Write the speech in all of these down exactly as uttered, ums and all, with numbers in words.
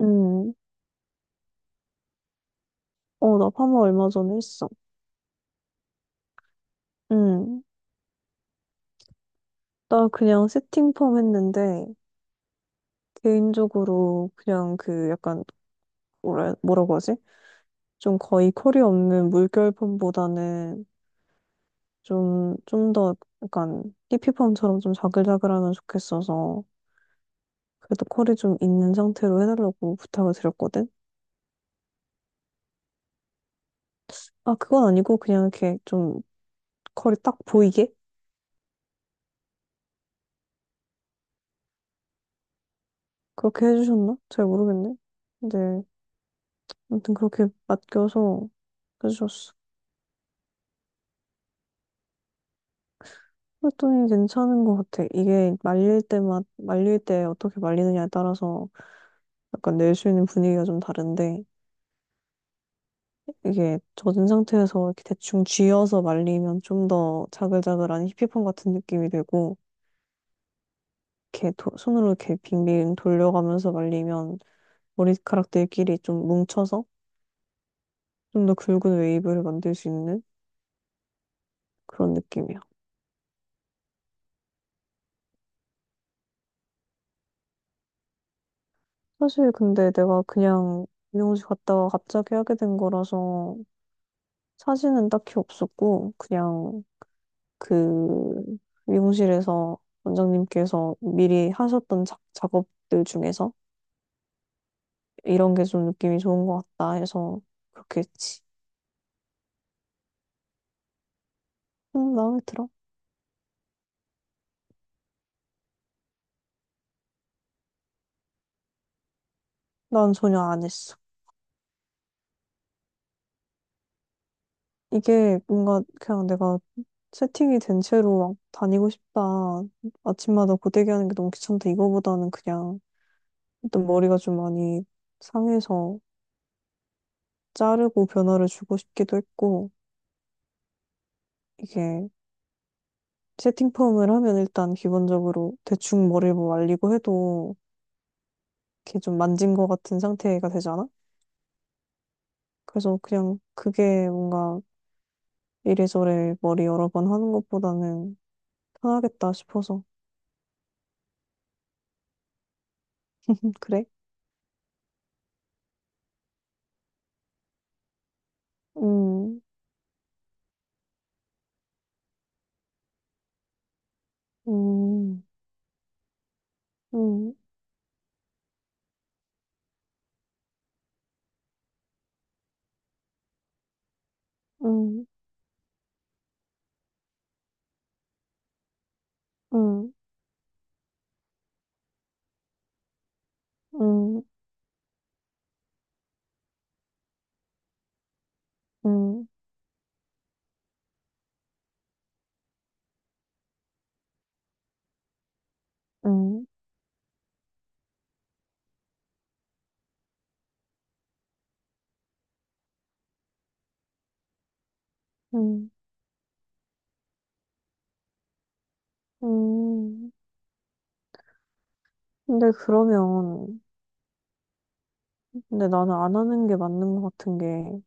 응 어, 나 파마 얼마 전에 했어. 응 나 그냥 세팅 펌 했는데, 개인적으로 그냥 그 약간, 뭐라, 뭐라고 하지? 좀 거의 컬이 없는 물결 펌보다는 좀, 좀 더 약간 히피 펌처럼 좀 자글자글하면 좋겠어서, 그래도 컬이 좀 있는 상태로 해달라고 부탁을 드렸거든? 아, 그건 아니고 그냥 이렇게 좀 컬이 딱 보이게? 그렇게 해주셨나? 잘 모르겠네. 근데, 아무튼 그렇게 맡겨서 해주셨어. 그랬더니 괜찮은 것 같아. 이게 말릴 때마, 말릴 때 어떻게 말리느냐에 따라서 약간 낼 수 있는 분위기가 좀 다른데, 이게 젖은 상태에서 이렇게 대충 쥐어서 말리면 좀 더 자글자글한 히피펌 같은 느낌이 되고, 이렇게 도- 손으로 이렇게 빙빙 돌려가면서 말리면 머리카락들끼리 좀 뭉쳐서 좀 더 굵은 웨이브를 만들 수 있는 그런 느낌이야. 사실 근데 내가 그냥 미용실 갔다가 갑자기 하게 된 거라서 사진은 딱히 없었고, 그냥 그 미용실에서 원장님께서 미리 하셨던 작, 작업들 중에서 이런 게 좀 느낌이 좋은 것 같다 해서 그렇게 했지. 음, 마음에 들어? 난 전혀 안 했어. 이게 뭔가 그냥 내가 세팅이 된 채로 막 다니고 싶다. 아침마다 고데기 하는 게 너무 귀찮다. 이거보다는 그냥 일단 머리가 좀 많이 상해서 자르고 변화를 주고 싶기도 했고 이게 채팅 펌을 하면 일단 기본적으로 대충 머리를 뭐 말리고 해도 이렇게 좀 만진 것 같은 상태가 되잖아? 그래서 그냥 그게 뭔가 이래저래 머리 여러 번 하는 것보다는 편하겠다 싶어서. 그래? 음, 음, 음, 음, 음, 음, 음, 음, 음, 음. 근데 그러면, 근데 나는 안 하는 게 맞는 것 같은 게,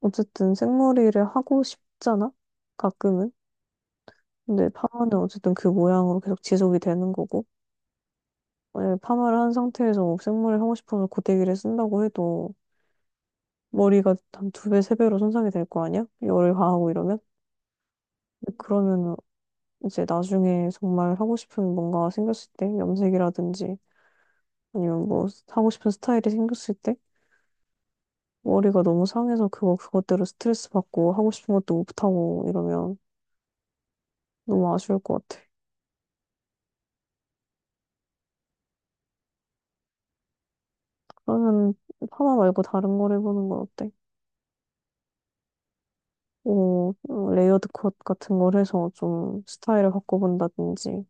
어쨌든 생머리를 하고 싶잖아? 가끔은? 근데 파마는 어쨌든 그 모양으로 계속 지속이 되는 거고, 만약에 파마를 한 상태에서 뭐 생머리를 하고 싶으면 고데기를 쓴다고 해도 머리가 한 두 배, 세 배로 손상이 될 거 아니야? 열을 가하고 이러면? 그러면 이제 나중에 정말 하고 싶은 뭔가 생겼을 때, 염색이라든지 아니면 뭐 하고 싶은 스타일이 생겼을 때, 머리가 너무 상해서 그거 그것대로 스트레스 받고 하고 싶은 것도 못하고 이러면 너무 아쉬울 것 같아. 그러면 파마 말고 다른 걸 해보는 건 어때? 뭐, 레이어드 컷 같은 걸 해서 좀 스타일을 바꿔본다든지,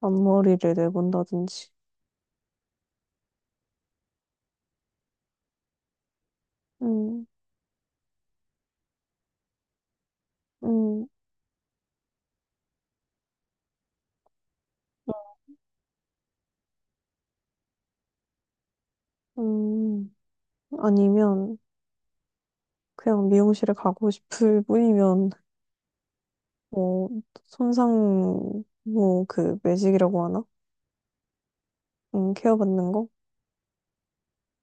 앞머리를 내본다든지, 음, 음, 음, 음. 아니면 그냥 미용실에 가고 싶을 뿐이면, 뭐, 손상, 뭐, 그, 매직이라고 하나? 음, 케어 받는 거?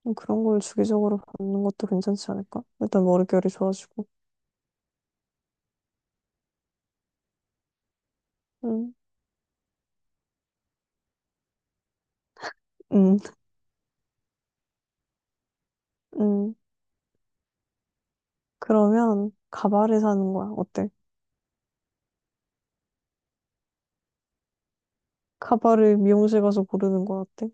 음, 그런 걸 주기적으로 받는 것도 괜찮지 않을까? 일단 머릿결이 좋아지고, 음, 음, 음. 그러면 가발을 사는 거야. 어때? 가발을 미용실 가서 고르는 거야. 어때?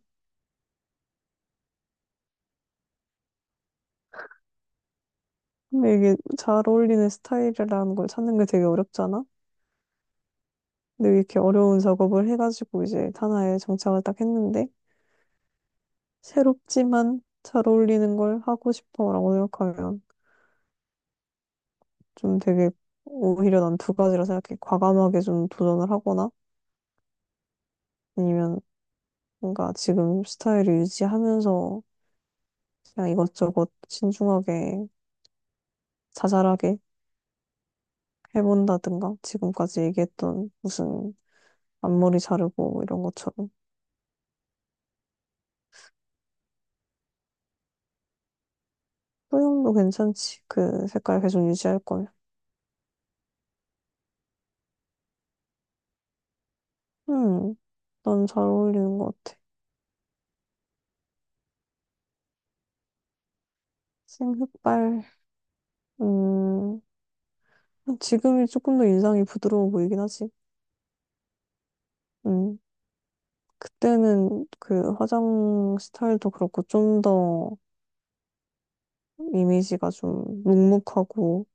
근데 이게 잘 어울리는 스타일이라는 걸 찾는 게 되게 어렵잖아? 근데 이렇게 어려운 작업을 해가지고 이제 하나에 정착을 딱 했는데, 새롭지만 잘 어울리는 걸 하고 싶어라고 생각하면 좀 되게 오히려 난 두 가지라 생각해. 과감하게 좀 도전을 하거나 아니면 뭔가 지금 스타일을 유지하면서 그냥 이것저것 신중하게 자잘하게 해본다든가 지금까지 얘기했던 무슨 앞머리 자르고 이런 것처럼 소형도 괜찮지. 그 색깔 계속 유지할 거면. 음, 넌 잘 어울리는 것 같아. 생흑발, 음, 지금이 조금 더 인상이 부드러워 보이긴 하지. 음, 그때는 그 화장 스타일도 그렇고 좀 더 이미지가 좀 묵묵하고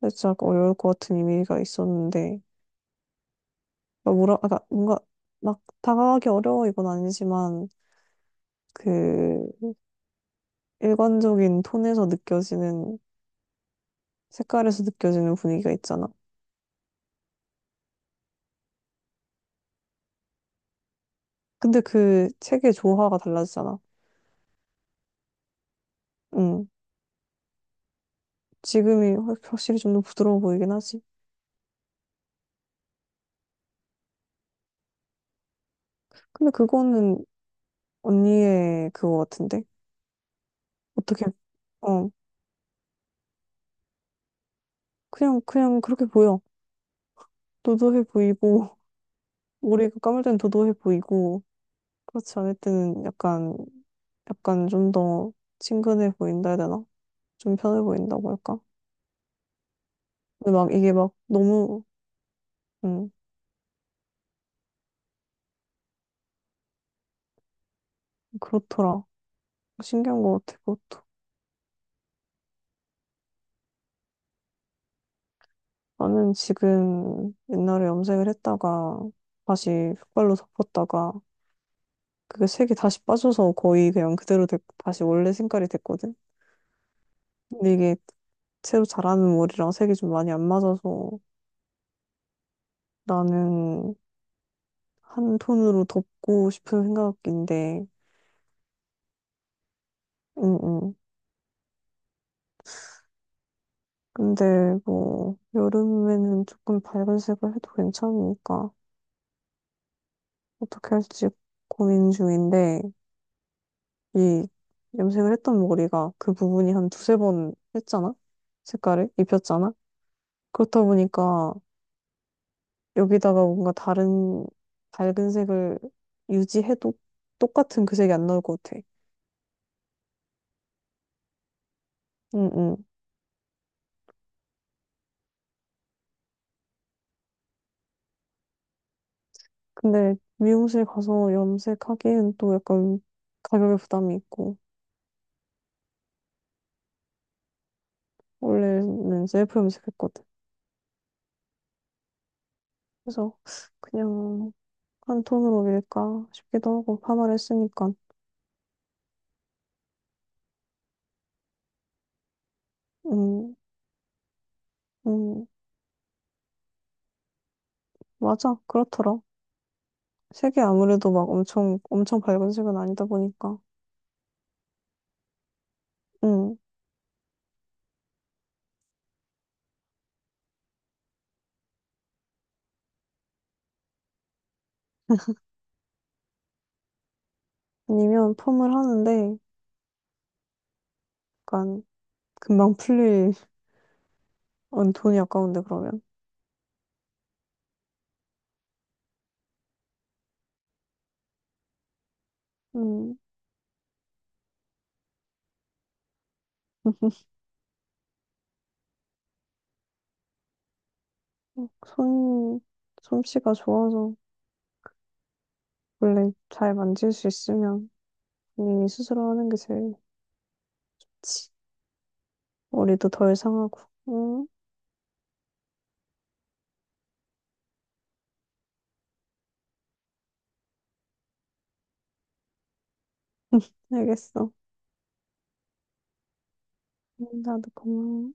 살짝 어려울 것 같은 이미지가 있었는데, 막 뭐라, 아까 뭔가 막 다가가기 어려워 이건 아니지만, 그 일관적인 톤에서 느껴지는 색깔에서 느껴지는 분위기가 있잖아. 근데 그 책의 조화가 달라지잖아. 응. 지금이 확- 확실히 좀 더 부드러워 보이긴 하지. 근데 그거는 언니의 그거 같은데? 어떻게, 어. 그냥, 그냥 그렇게 보여. 도도해 보이고, 머리가 감을 땐 도도해 보이고, 그렇지 않을 때는 약간, 약간 좀 더 친근해 보인다 해야 되나? 좀 편해 보인다고 할까? 근데 막 이게 막 너무, 음 그렇더라. 신기한 것 같아, 그것도. 나는 지금 옛날에 염색을 했다가 다시 흑발로 덮었다가 그게 색이 다시 빠져서 거의 그냥 그대로 됐, 다시 원래 색깔이 됐거든. 근데 이게 새로 자라는 머리랑 색이 좀 많이 안 맞아서 나는 한 톤으로 덮고 싶은 생각인데, 응응. 근데 뭐 여름에는 조금 밝은 색을 해도 괜찮으니까 어떻게 할지 고민 중인데 이 염색을 했던 머리가 그 부분이 한 두세 번 했잖아? 색깔을 입혔잖아? 그렇다 보니까 여기다가 뭔가 다른 밝은 색을 유지해도 똑같은 그 색이 안 나올 것 같아. 응, 응. 근데 미용실 가서 염색하기엔 또 약간 가격에 부담이 있고, 원래는 셀프 염색했거든. 그래서 그냥 한 톤으로 밀까 싶기도 하고, 파마를 했으니까. 음, 음, 맞아. 그렇더라. 색이 아무래도 막 엄청, 엄청 밝은 색은 아니다 보니까. 응. 아니면 펌을 하는데, 약간, 금방 풀릴, 어, 돈이 아까운데, 그러면. 응. 손, 솜씨가 좋아서, 원래 잘 만질 수 있으면, 본인이 스스로 하는 게 제일, 좋지. 머리도 덜 상하고. 응, 알겠어. 응, 나도 고마워.